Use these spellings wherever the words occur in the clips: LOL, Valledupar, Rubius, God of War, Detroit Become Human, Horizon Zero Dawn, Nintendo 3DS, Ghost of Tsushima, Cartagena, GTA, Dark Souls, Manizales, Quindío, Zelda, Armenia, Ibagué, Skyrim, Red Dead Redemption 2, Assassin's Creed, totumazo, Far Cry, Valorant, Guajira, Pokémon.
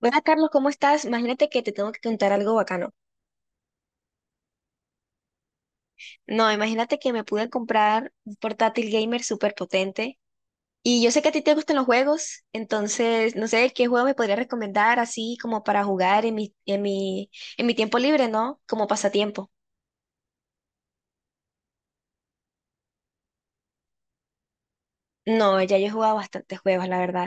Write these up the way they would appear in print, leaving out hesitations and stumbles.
Hola Carlos, ¿cómo estás? Imagínate que te tengo que contar algo bacano. No, imagínate que me pude comprar un portátil gamer súper potente. Y yo sé que a ti te gustan los juegos, entonces no sé qué juego me podrías recomendar así como para jugar en mi tiempo libre, ¿no? Como pasatiempo. No, ya yo he jugado bastantes juegos, la verdad.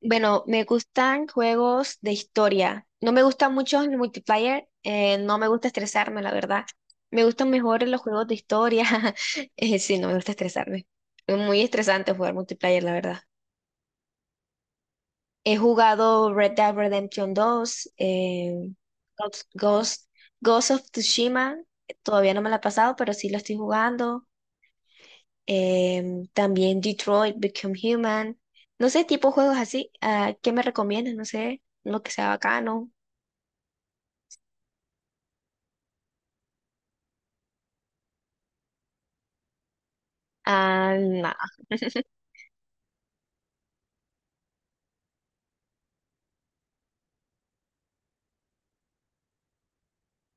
Bueno, me gustan juegos de historia. No me gusta mucho el multiplayer, no me gusta estresarme, la verdad. Me gustan mejor los juegos de historia. Sí, no me gusta estresarme. Es muy estresante jugar multiplayer, la verdad. He jugado Red Dead Redemption 2, Ghost, Ghost, Ghost of Tsushima. Todavía no me la he pasado, pero sí lo estoy jugando. También Detroit, Become Human. No sé, tipo juegos así. Ah, ¿qué me recomiendas? No sé, lo que sea bacano. Ah, nada.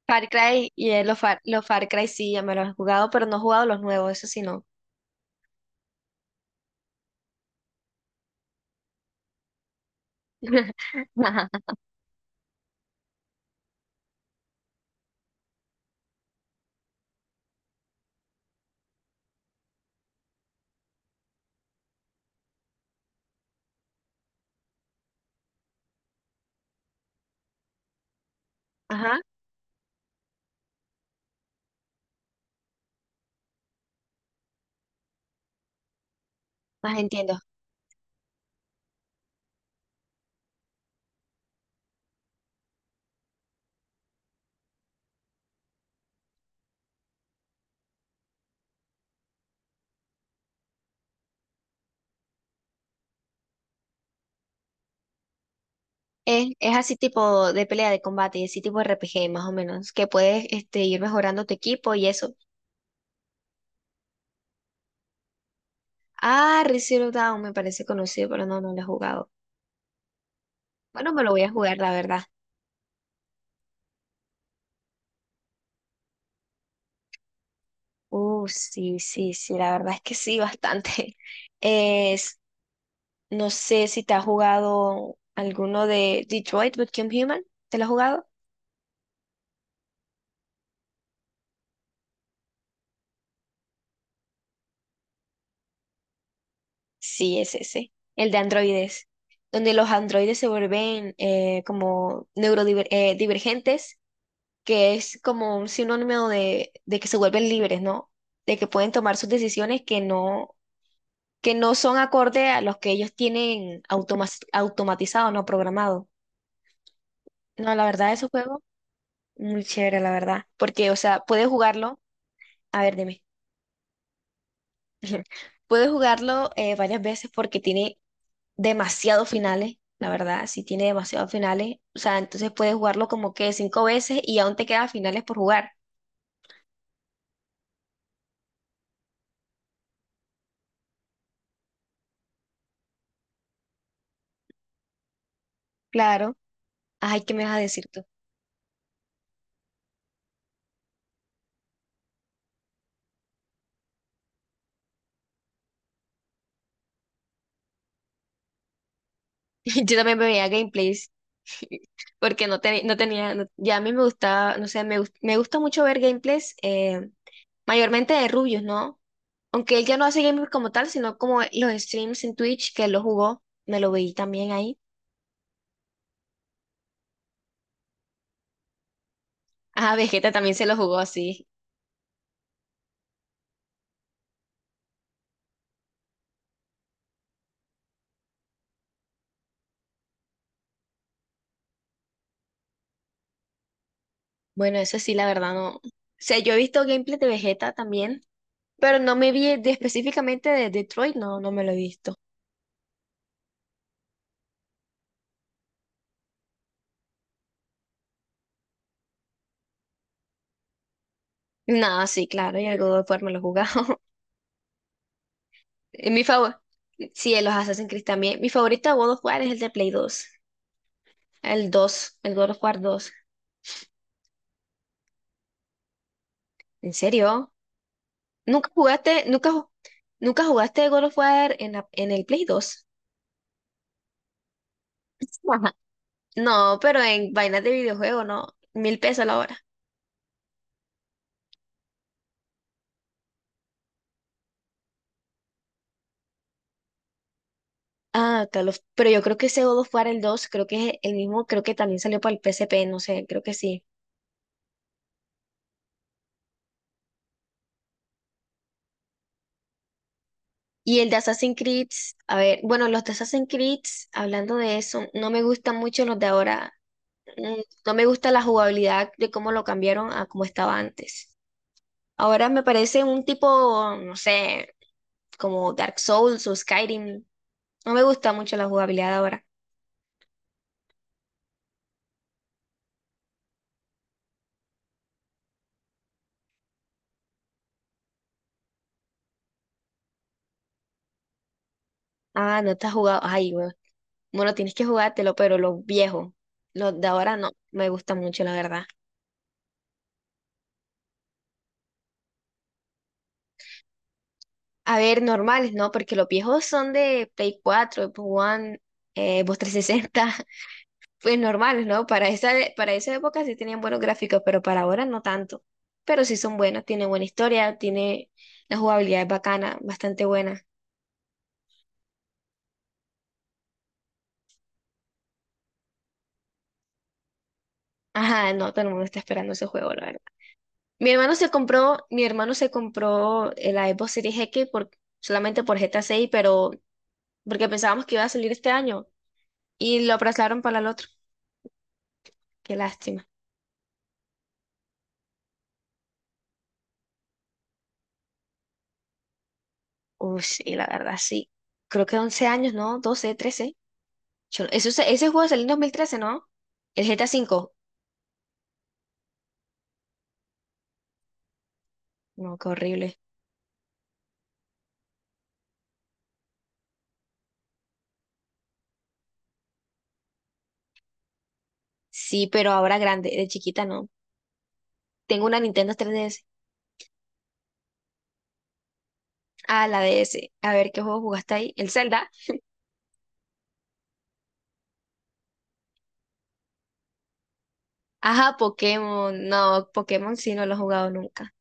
Far Cry y los Far Cry sí, ya me los he jugado, pero no he jugado los nuevos, eso sí no. Ajá, más entiendo. Es así tipo de pelea de combate y así tipo RPG más o menos, que puedes ir mejorando tu equipo y eso. Ah, Re Zero Dawn me parece conocido, pero no, no lo he jugado. Bueno, me lo voy a jugar, la verdad. Sí, sí, sí, la verdad es que sí, bastante. Es, no sé si te has jugado alguno de Detroit Become Human, ¿te lo has jugado? Sí, es ese, el de androides, donde los androides se vuelven como neurodivergentes, que es como un sinónimo de que se vuelven libres, ¿no? De que pueden tomar sus decisiones que no son acorde a los que ellos tienen automatizado, no programado. No, la verdad, esos juegos. Muy chévere, la verdad. Porque, o sea, puedes jugarlo. A ver, dime. Puedes jugarlo varias veces porque tiene demasiados finales, la verdad. Sí, tiene demasiados finales. O sea, entonces puedes jugarlo como que cinco veces y aún te quedan finales por jugar. Claro. Ay, ¿qué me vas a decir tú? Yo también me veía gameplays. Porque no, no tenía. Ya a mí me gustaba, no sé, me gusta mucho ver gameplays. Mayormente de rubios, ¿no? Aunque él ya no hace gaming como tal, sino como los streams en Twitch que él lo jugó. Me lo vi también ahí. Ah, Vegeta también se lo jugó así. Bueno, eso sí, la verdad no. O sea, yo he visto gameplay de Vegeta también, pero no me vi específicamente de Detroit, no, no me lo he visto. Nada, sí, claro, y el God of War me lo he jugado. Y mi favor. Sí, los Assassin's Creed también. Mi favorito de God of War es el de Play 2. El God of War dos. ¿En serio? ¿Nunca jugaste, nunca, ju- nunca jugaste God of War en el Play 2? Ajá. No, pero en vainas de videojuego, no. 1.000 pesos la hora. Ah, pero yo creo que ese God of War, el 2 creo que es el mismo, creo que también salió para el PSP, no sé, creo que sí. Y el de Assassin's Creed, a ver, bueno, los de Assassin's Creed, hablando de eso, no me gustan mucho los de ahora. Mm, No me gusta la jugabilidad de cómo lo cambiaron a como estaba antes. Ahora me parece un tipo, no sé, como Dark Souls o Skyrim. No me gusta mucho la jugabilidad ahora. Ah, no te has jugado. Ay, bueno, tienes que jugártelo, pero los viejos, los de ahora no, me gustan mucho, la verdad. A ver, normales, ¿no? Porque los viejos son de Play 4, Xbox One, Xbox 360, pues normales, ¿no? Para esa época sí tenían buenos gráficos, pero para ahora no tanto. Pero sí son buenos, tiene buena historia, tiene la jugabilidad es bacana, bastante buena. Ajá, no, todo el mundo está esperando ese juego, la verdad. Mi hermano se compró la Xbox Series X solamente por GTA 6, pero porque pensábamos que iba a salir este año y lo aplazaron para el otro. Qué lástima. Uy, sí, la verdad, sí. Creo que 11 años, ¿no? 12, 13. Yo no- eso, se- ese juego salió en 2013, ¿no? El GTA 5. No, qué horrible. Sí, pero ahora grande, de chiquita, ¿no? Tengo una Nintendo 3DS. Ah, la DS. A ver, ¿qué juego jugaste ahí? ¿El Zelda? Ajá, Pokémon. No, Pokémon sí no lo he jugado nunca.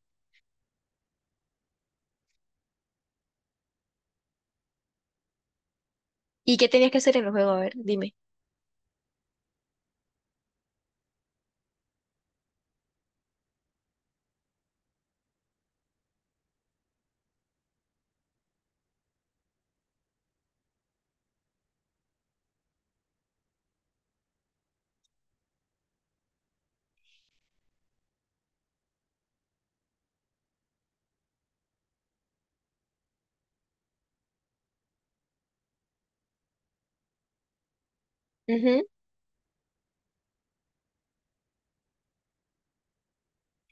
¿Y qué tenías que hacer en el juego? A ver, dime.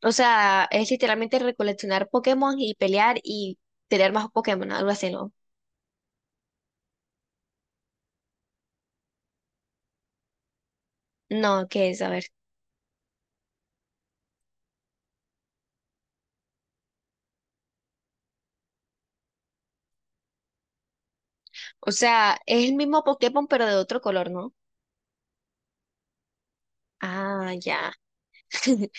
O sea, es literalmente recoleccionar Pokémon y pelear y tener más Pokémon, algo así, ¿no? No, ¿qué es? A ver. O sea, es el mismo Pokémon pero de otro color, ¿no? Ah, ya.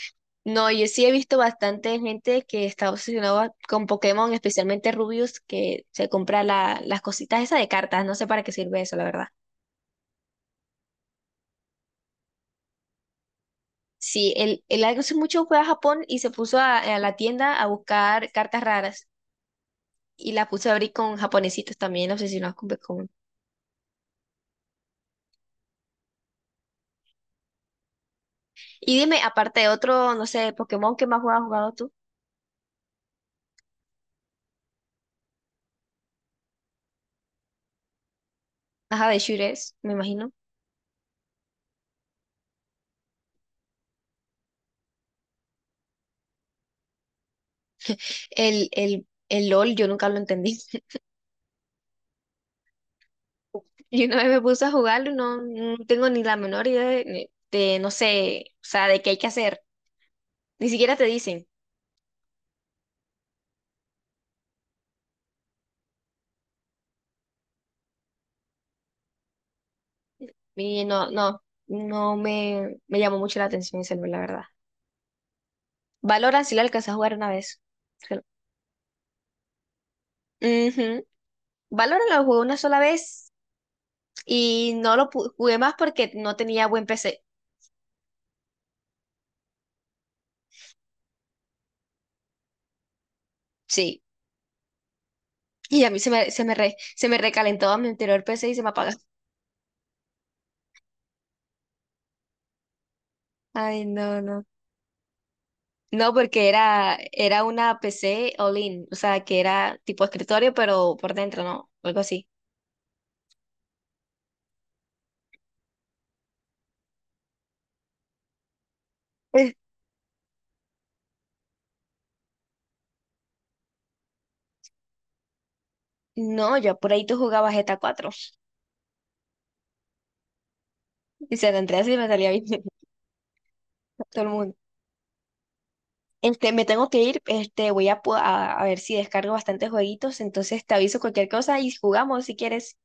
No, yo sí he visto bastante gente que está obsesionada con Pokémon, especialmente Rubius, que se compra las cositas esas de cartas. No sé para qué sirve eso, la verdad. Sí, él hace mucho fue a Japón y se puso a la tienda a buscar cartas raras y las puso a abrir con japonesitos también obsesionados con Pokémon. Y dime, aparte de otro, no sé, Pokémon, ¿qué más juegas has jugado tú? Ajá, de shooters, me imagino. El LOL, yo nunca lo entendí. Y una vez me puse a jugarlo y no, no tengo ni la menor idea no sé, o sea, de qué hay que hacer. Ni siquiera te dicen. Y no, no, no me llamó mucho la atención ese LOL, la verdad. Valorant sí lo alcancé a jugar una vez. Creo. Ujú. Valorant lo jugué una sola vez y no jugué más porque no tenía buen PC. Sí. Y a mí se me recalentó a mi anterior PC y se me apagó. Ay, no, no. No, porque era una PC all-in, o sea, que era tipo escritorio, pero por dentro, ¿no? Algo así. Eh, No, yo por ahí tú jugabas GTA 4. Y se la entré así y me salía bien. Todo el mundo. Me tengo que ir, voy a ver si descargo bastantes jueguitos, entonces te aviso cualquier cosa y jugamos si quieres.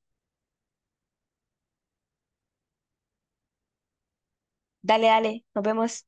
Dale, dale, nos vemos.